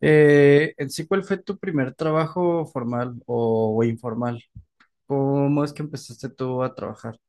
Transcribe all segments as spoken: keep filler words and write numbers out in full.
Eh, en sí, ¿cuál fue tu primer trabajo formal o, o informal? ¿Cómo es que empezaste tú a trabajar?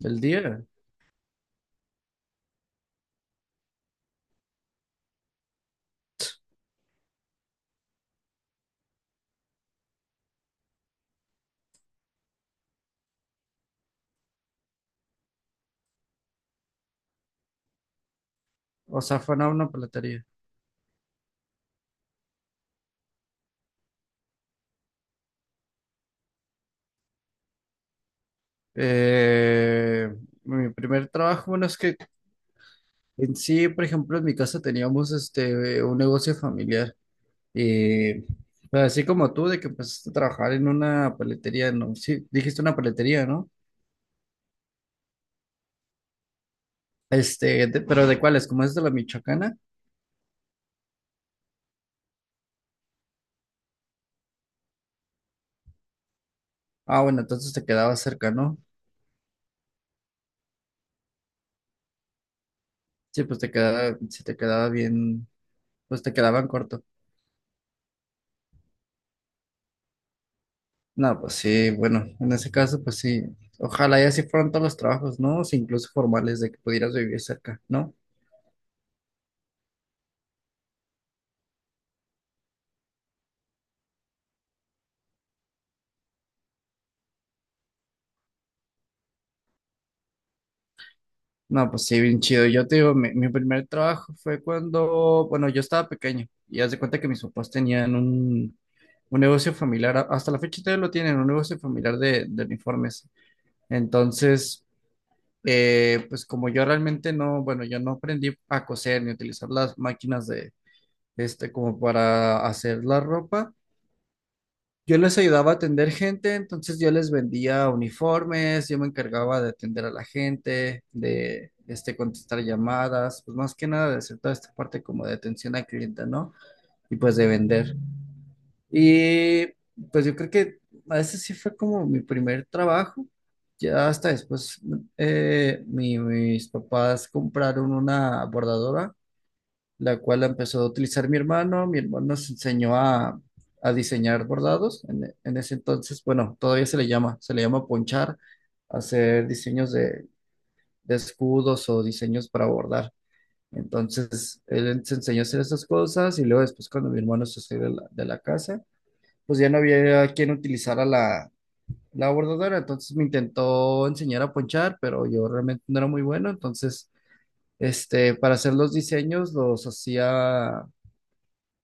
¿El día? O sea, fue en una paletería. Eh, Mi primer trabajo, bueno, es que en sí, por ejemplo, en mi casa teníamos este, un negocio familiar. Y pues, así como tú, de que empezaste a trabajar en una paletería, ¿no? Sí, dijiste una paletería, ¿no? Este, de- pero ¿de cuáles? ¿Cómo es de la Michoacana? Ah, bueno, entonces te quedaba cerca, ¿no? Sí, pues te quedaba, si te quedaba bien, pues te quedaban corto. No, pues sí, bueno, en ese caso, pues sí. Ojalá y así fueran todos los trabajos, ¿no? O sea, incluso formales de que pudieras vivir cerca, ¿no? No, pues sí, bien chido. Yo te digo, mi, mi primer trabajo fue cuando, bueno, yo estaba pequeño y haz de cuenta que mis papás tenían un, un negocio familiar, a- hasta la fecha todavía lo tienen, un negocio familiar de, de uniformes. Entonces, eh, pues como yo realmente no, bueno, yo no aprendí a coser ni a utilizar las máquinas este, como para hacer la ropa. Yo les ayudaba a atender gente, entonces yo les vendía uniformes, yo me encargaba de atender a la gente, de, este, contestar llamadas, pues más que nada de hacer toda esta parte como de atención al cliente, ¿no? Y pues de vender. Y pues yo creo que ese sí fue como mi primer trabajo. Ya hasta después eh, mi- mis papás compraron una bordadora, la cual la empezó a utilizar mi hermano. Mi hermano nos enseñó a, a diseñar bordados. En, en ese entonces, bueno, todavía se le llama, se le llama ponchar, hacer diseños de, de escudos o diseños para bordar. Entonces, él se enseñó a hacer esas cosas y luego después cuando mi hermano se salió de la, de la casa, pues ya no había quien utilizara la, la bordadora. Entonces me intentó enseñar a ponchar, pero yo realmente no era muy bueno. Entonces, este, para hacer los diseños los hacía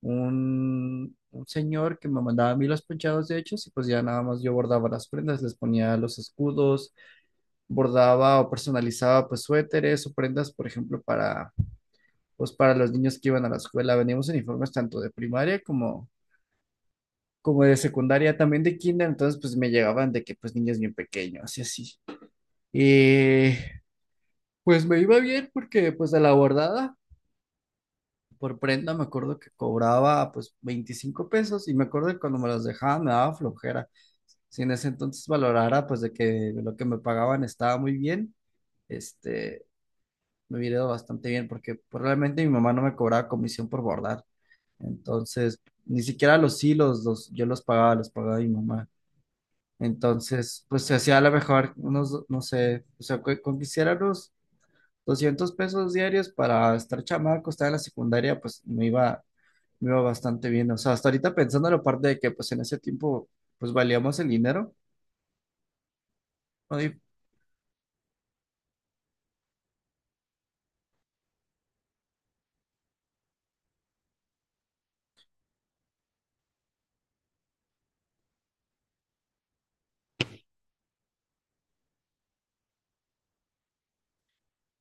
un, un señor que me mandaba a mí los ponchados de hechos y pues ya nada más yo bordaba las prendas, les ponía los escudos, bordaba o personalizaba pues suéteres o prendas, por ejemplo, para pues para los niños que iban a la escuela. Veníamos uniformes tanto de primaria como como de secundaria, también de kinder, entonces pues me llegaban de que pues niños bien pequeños y así. Y pues me iba bien porque pues de la bordada por prenda me acuerdo que cobraba pues veinticinco pesos y me acuerdo que cuando me las dejaban me daba flojera. Si en ese entonces valorara pues de que lo que me pagaban estaba muy bien, este, me hubiera ido bastante bien porque probablemente mi mamá no me cobraba comisión por bordar. Entonces, ni siquiera los hilos los, yo los pagaba, los pagaba mi mamá. Entonces, pues se hacía a lo mejor unos, no sé, o sea, con con que hiciera unos doscientos pesos diarios para estar chamaco, estar en la secundaria, pues me iba me iba bastante bien. O sea, hasta ahorita pensando en la parte de que pues en ese tiempo pues valíamos el dinero. No, Y,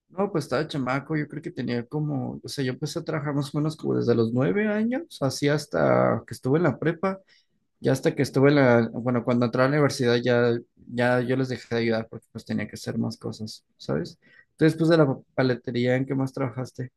no, pues estaba chamaco, yo creo que tenía como, o sea, yo empecé a trabajar más o menos como desde los nueve años, así hasta que estuve en la prepa, ya hasta que estuve en la, bueno, cuando entré a la universidad ya, ya yo les dejé de ayudar porque pues tenía que hacer más cosas, ¿sabes? Entonces, después de la paletería, ¿en qué más trabajaste?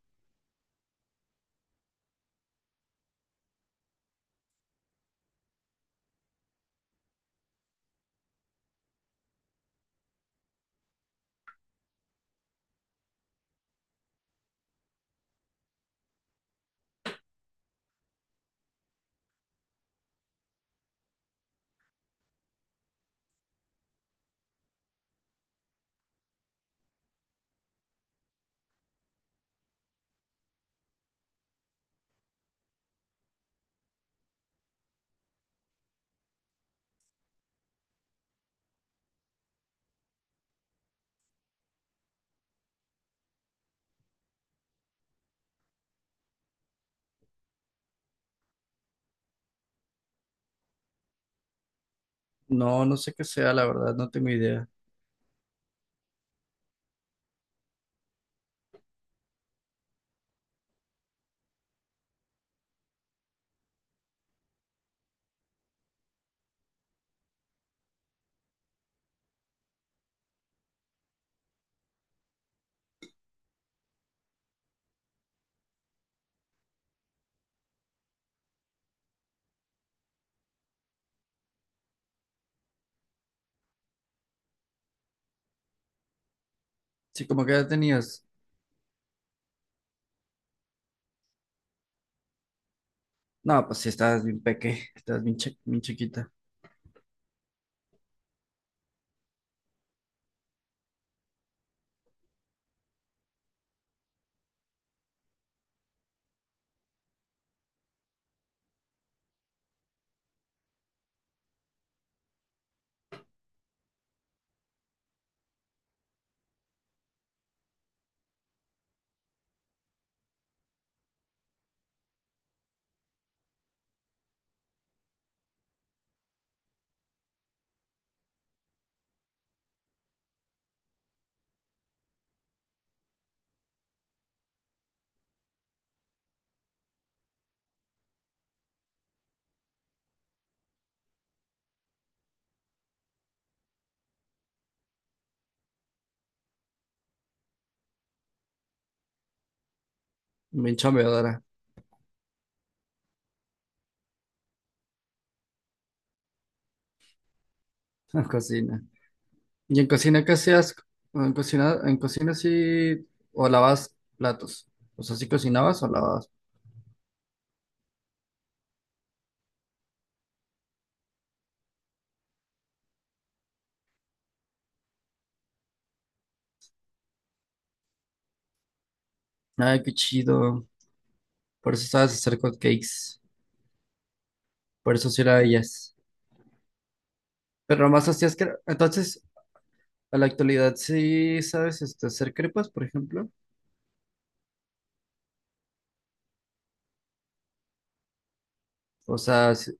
No, no sé qué sea, la verdad, no tengo idea. Sí, como que ya tenías. No, pues sí, estás bien peque, estás bien, chi- bien chiquita. Bien chambeadora en cocina. ¿Y en cocina qué hacías? ¿O en cocina, en cocina sí o lavas platos? O sea, ¿sí cocinabas o lavabas? Ay, qué chido. Por eso sabes hacer hot cakes. Por eso sí era ellas. Pero nomás hacías que. Entonces, a la actualidad, sí, ¿sabes este, hacer crepas, por ejemplo? O sea, si-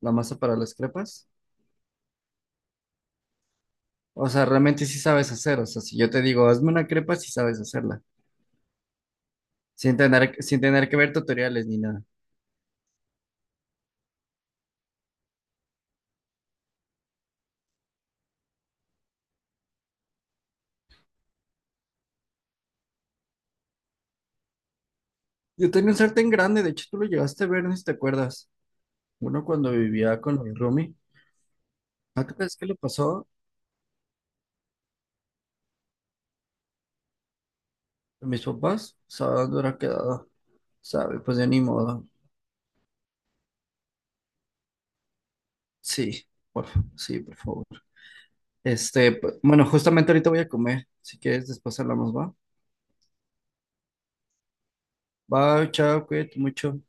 la masa para las crepas. O sea, realmente sí sabes hacer. O sea, si yo te digo, hazme una crepa, sí sabes hacerla. Sin tener, sin tener que ver tutoriales ni nada. Yo tenía un sartén grande, de hecho tú lo llegaste a ver, no sé si te acuerdas. Uno cuando vivía con mi roomie. ¿A qué crees que le pasó a mis papás? O sea, ¿dónde habrá quedado? ¿Sabe? Pues ya ni modo. Sí, por, fa- sí, por favor. Este, p- bueno, justamente ahorita voy a comer. Si quieres, después hablamos, ¿va? Bye, chao, cuídate mucho.